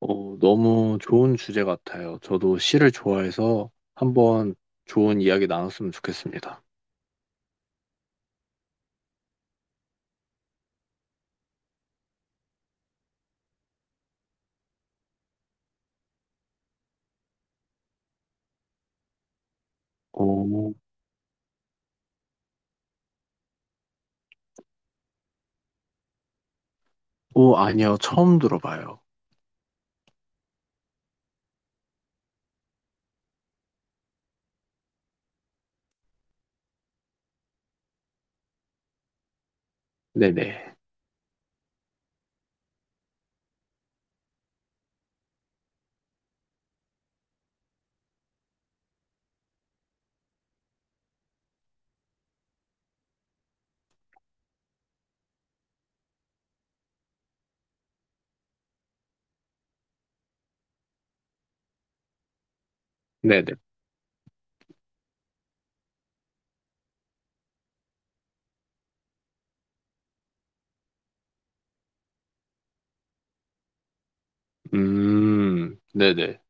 너무 좋은 주제 같아요. 저도 시를 좋아해서 한번 좋은 이야기 나눴으면 좋겠습니다. 오, 오, 아니요. 처음 들어봐요. 네네. 네네. 네네.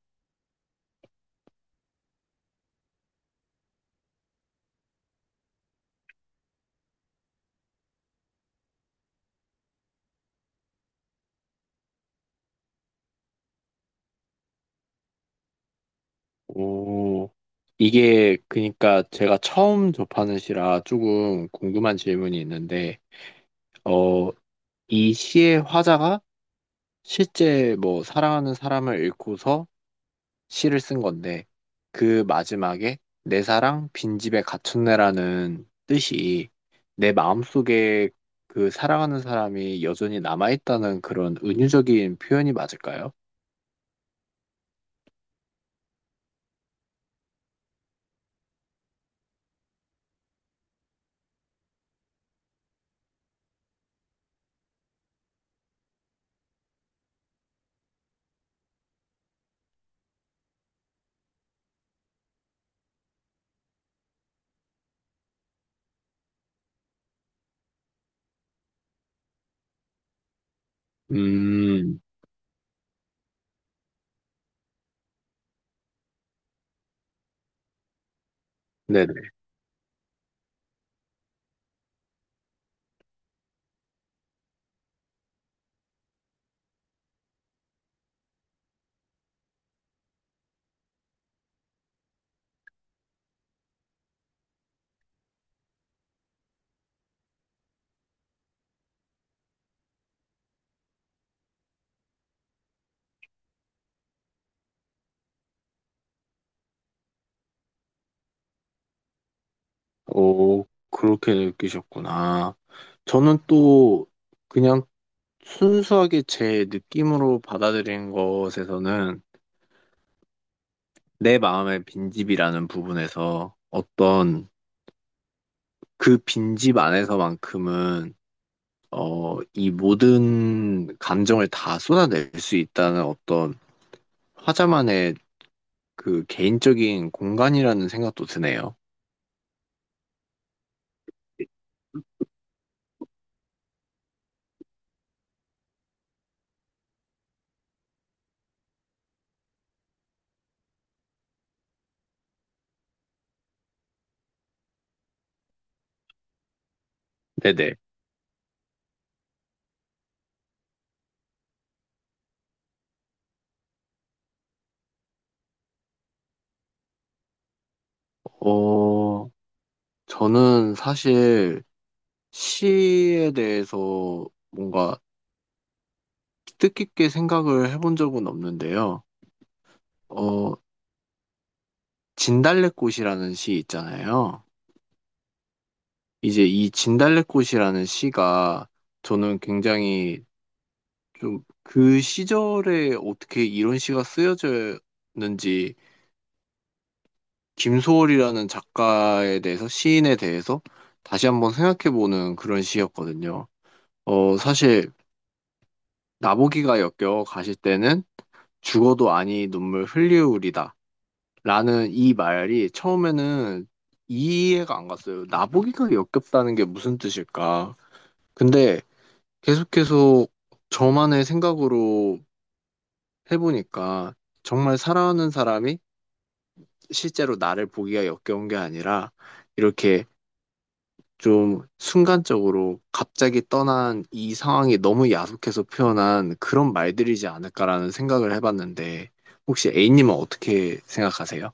오, 이게 그러니까 제가 처음 접하는 시라 조금 궁금한 질문이 있는데, 어, 이 시의 화자가 실제 뭐 사랑하는 사람을 잃고서 시를 쓴 건데 그 마지막에 내 사랑 빈집에 갇혔네라는 뜻이 내 마음속에 그 사랑하는 사람이 여전히 남아있다는 그런 은유적인 표현이 맞을까요? 음, 네네. 오, 그렇게 느끼셨구나. 저는 또 그냥 순수하게 제 느낌으로 받아들인 것에서는 내 마음의 빈집이라는 부분에서 어떤 그 빈집 안에서만큼은 이 모든 감정을 다 쏟아낼 수 있다는 어떤 화자만의 그 개인적인 공간이라는 생각도 드네요. 네네. 어, 저는 사실 시에 대해서 뭔가 뜻깊게 생각을 해본 적은 없는데요. 어, 진달래꽃이라는 시 있잖아요. 이제 이 진달래꽃이라는 시가 저는 굉장히 좀 그 시절에 어떻게 이런 시가 쓰여졌는지 김소월이라는 작가에 대해서 시인에 대해서 다시 한번 생각해보는 그런 시였거든요. 사실 나보기가 역겨 가실 때는 죽어도 아니 눈물 흘리우리다. 라는 이 말이 처음에는 이해가 안 갔어요. 나보기가 역겹다는 게 무슨 뜻일까? 근데 계속해서 저만의 생각으로 해보니까 정말 사랑하는 사람이 실제로 나를 보기가 역겨운 게 아니라 이렇게 좀 순간적으로 갑자기 떠난 이 상황이 너무 야속해서 표현한 그런 말들이지 않을까라는 생각을 해봤는데 혹시 A님은 어떻게 생각하세요?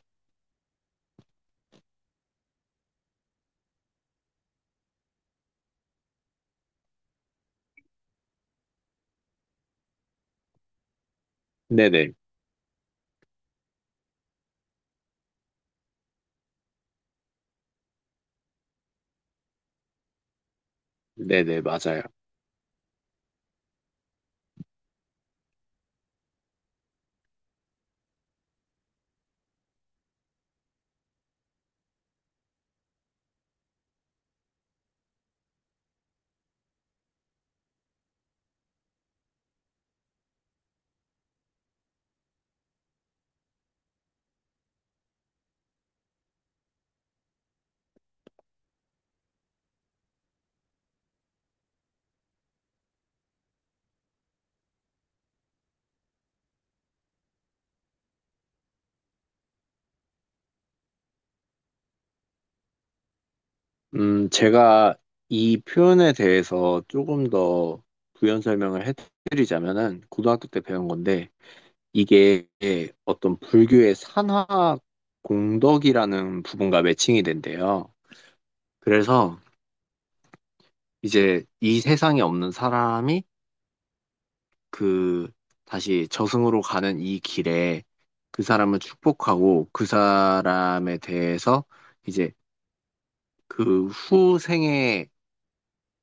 네네, 네네, 맞아요. 제가 이 표현에 대해서 조금 더 부연 설명을 해드리자면은 고등학교 때 배운 건데 이게 어떤 불교의 산화 공덕이라는 부분과 매칭이 된대요. 그래서 이제 이 세상에 없는 사람이 그 다시 저승으로 가는 이 길에 그 사람을 축복하고 그 사람에 대해서 이제 그 후생에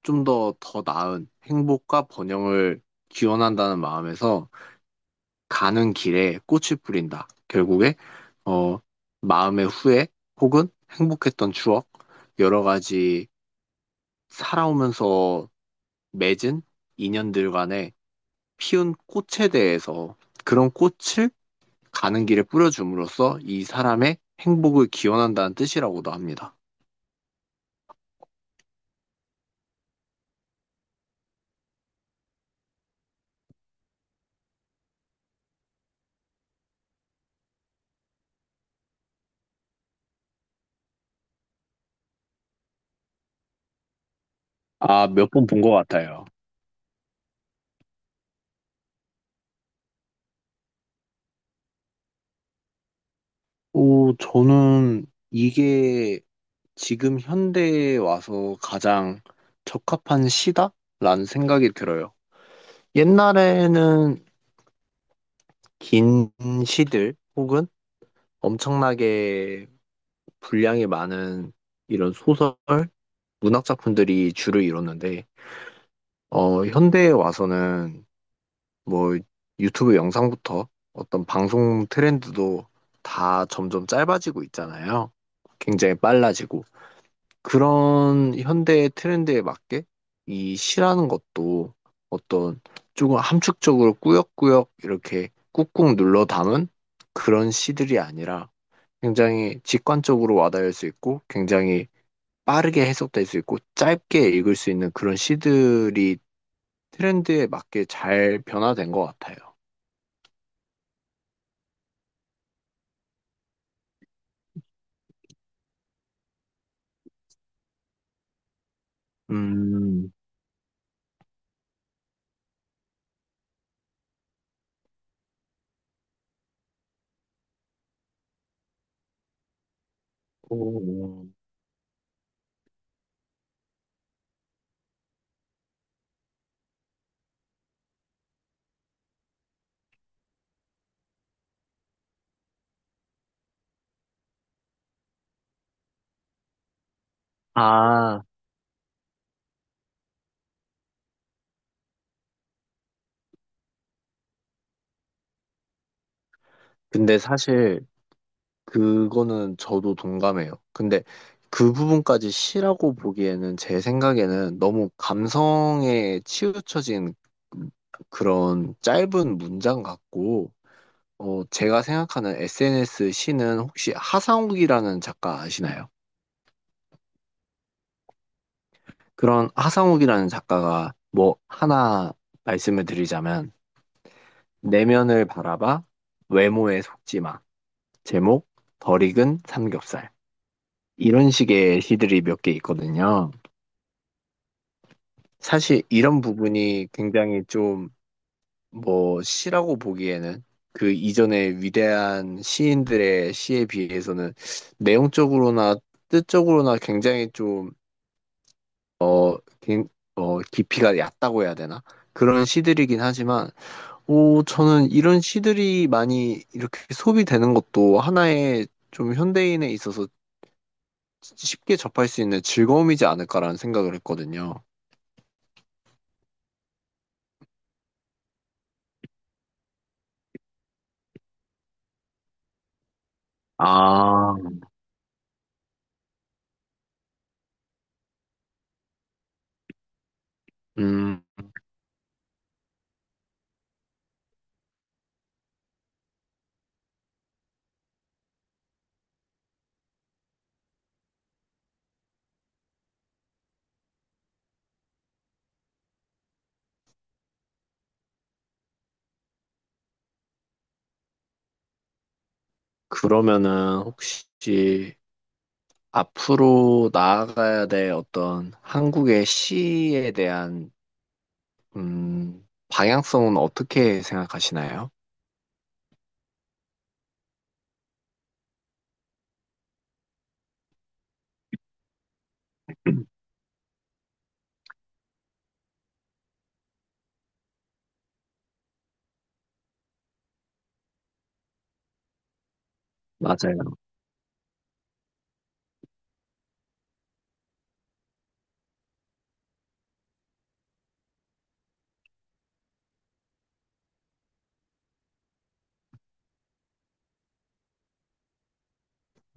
좀 더 나은 행복과 번영을 기원한다는 마음에서 가는 길에 꽃을 뿌린다. 결국에 어, 마음의 후회 혹은 행복했던 추억, 여러 가지 살아오면서 맺은 인연들 간에 피운 꽃에 대해서 그런 꽃을 가는 길에 뿌려줌으로써 이 사람의 행복을 기원한다는 뜻이라고도 합니다. 아, 몇 번 본 것 같아요. 오, 저는 이게 지금 현대에 와서 가장 적합한 시다라는 생각이 들어요. 옛날에는 긴 시들 혹은 엄청나게 분량이 많은 이런 소설, 문학 작품들이 주를 이뤘는데, 현대에 와서는 뭐 유튜브 영상부터 어떤 방송 트렌드도 다 점점 짧아지고 있잖아요. 굉장히 빨라지고. 그런 현대의 트렌드에 맞게 이 시라는 것도 어떤 조금 함축적으로 꾸역꾸역 이렇게 꾹꾹 눌러 담은 그런 시들이 아니라 굉장히 직관적으로 와닿을 수 있고 굉장히 빠르게 해석될 수 있고 짧게 읽을 수 있는 그런 시들이 트렌드에 맞게 잘 변화된 것 같아요. 음, 오. 아, 근데 사실 그거는 저도 동감해요. 근데 그 부분까지 시라고 보기에는 제 생각에는 너무 감성에 치우쳐진 그런 짧은 문장 같고, 제가 생각하는 SNS 시는 혹시 하상욱이라는 작가 아시나요? 그런 하상욱이라는 작가가 뭐 하나 말씀을 드리자면, 내면을 바라봐, 외모에 속지 마. 제목, 덜 익은 삼겹살. 이런 식의 시들이 몇 개 있거든요. 사실 이런 부분이 굉장히 좀 뭐 시라고 보기에는 그 이전의 위대한 시인들의 시에 비해서는 내용적으로나 뜻적으로나 굉장히 좀 긴- 깊이가 얕다고 해야 되나? 그런 시들이긴 하지만 오 저는 이런 시들이 많이 이렇게 소비되는 것도 하나의 좀 현대인에 있어서 쉽게 접할 수 있는 즐거움이지 않을까라는 생각을 했거든요. 아, 음, 그러면은 혹시 앞으로 나아가야 될 어떤 한국의 시에 대한 방향성은 어떻게 생각하시나요? 맞아요.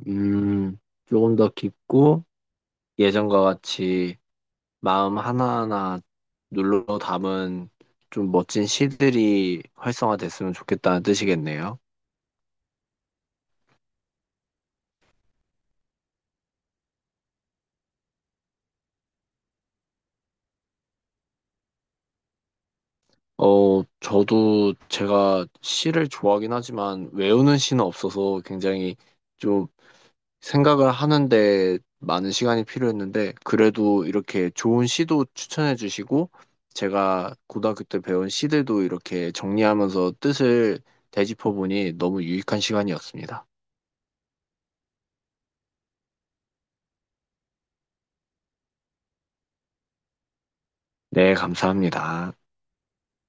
음, 조금 더 깊고 예전과 같이 마음 하나하나 눌러 담은 좀 멋진 시들이 활성화됐으면 좋겠다는 뜻이겠네요. 저도 제가 시를 좋아하긴 하지만 외우는 시는 없어서 굉장히 좀 생각을 하는데 많은 시간이 필요했는데 그래도 이렇게 좋은 시도 추천해 주시고 제가 고등학교 때 배운 시들도 이렇게 정리하면서 뜻을 되짚어 보니 너무 유익한 시간이었습니다. 네, 감사합니다.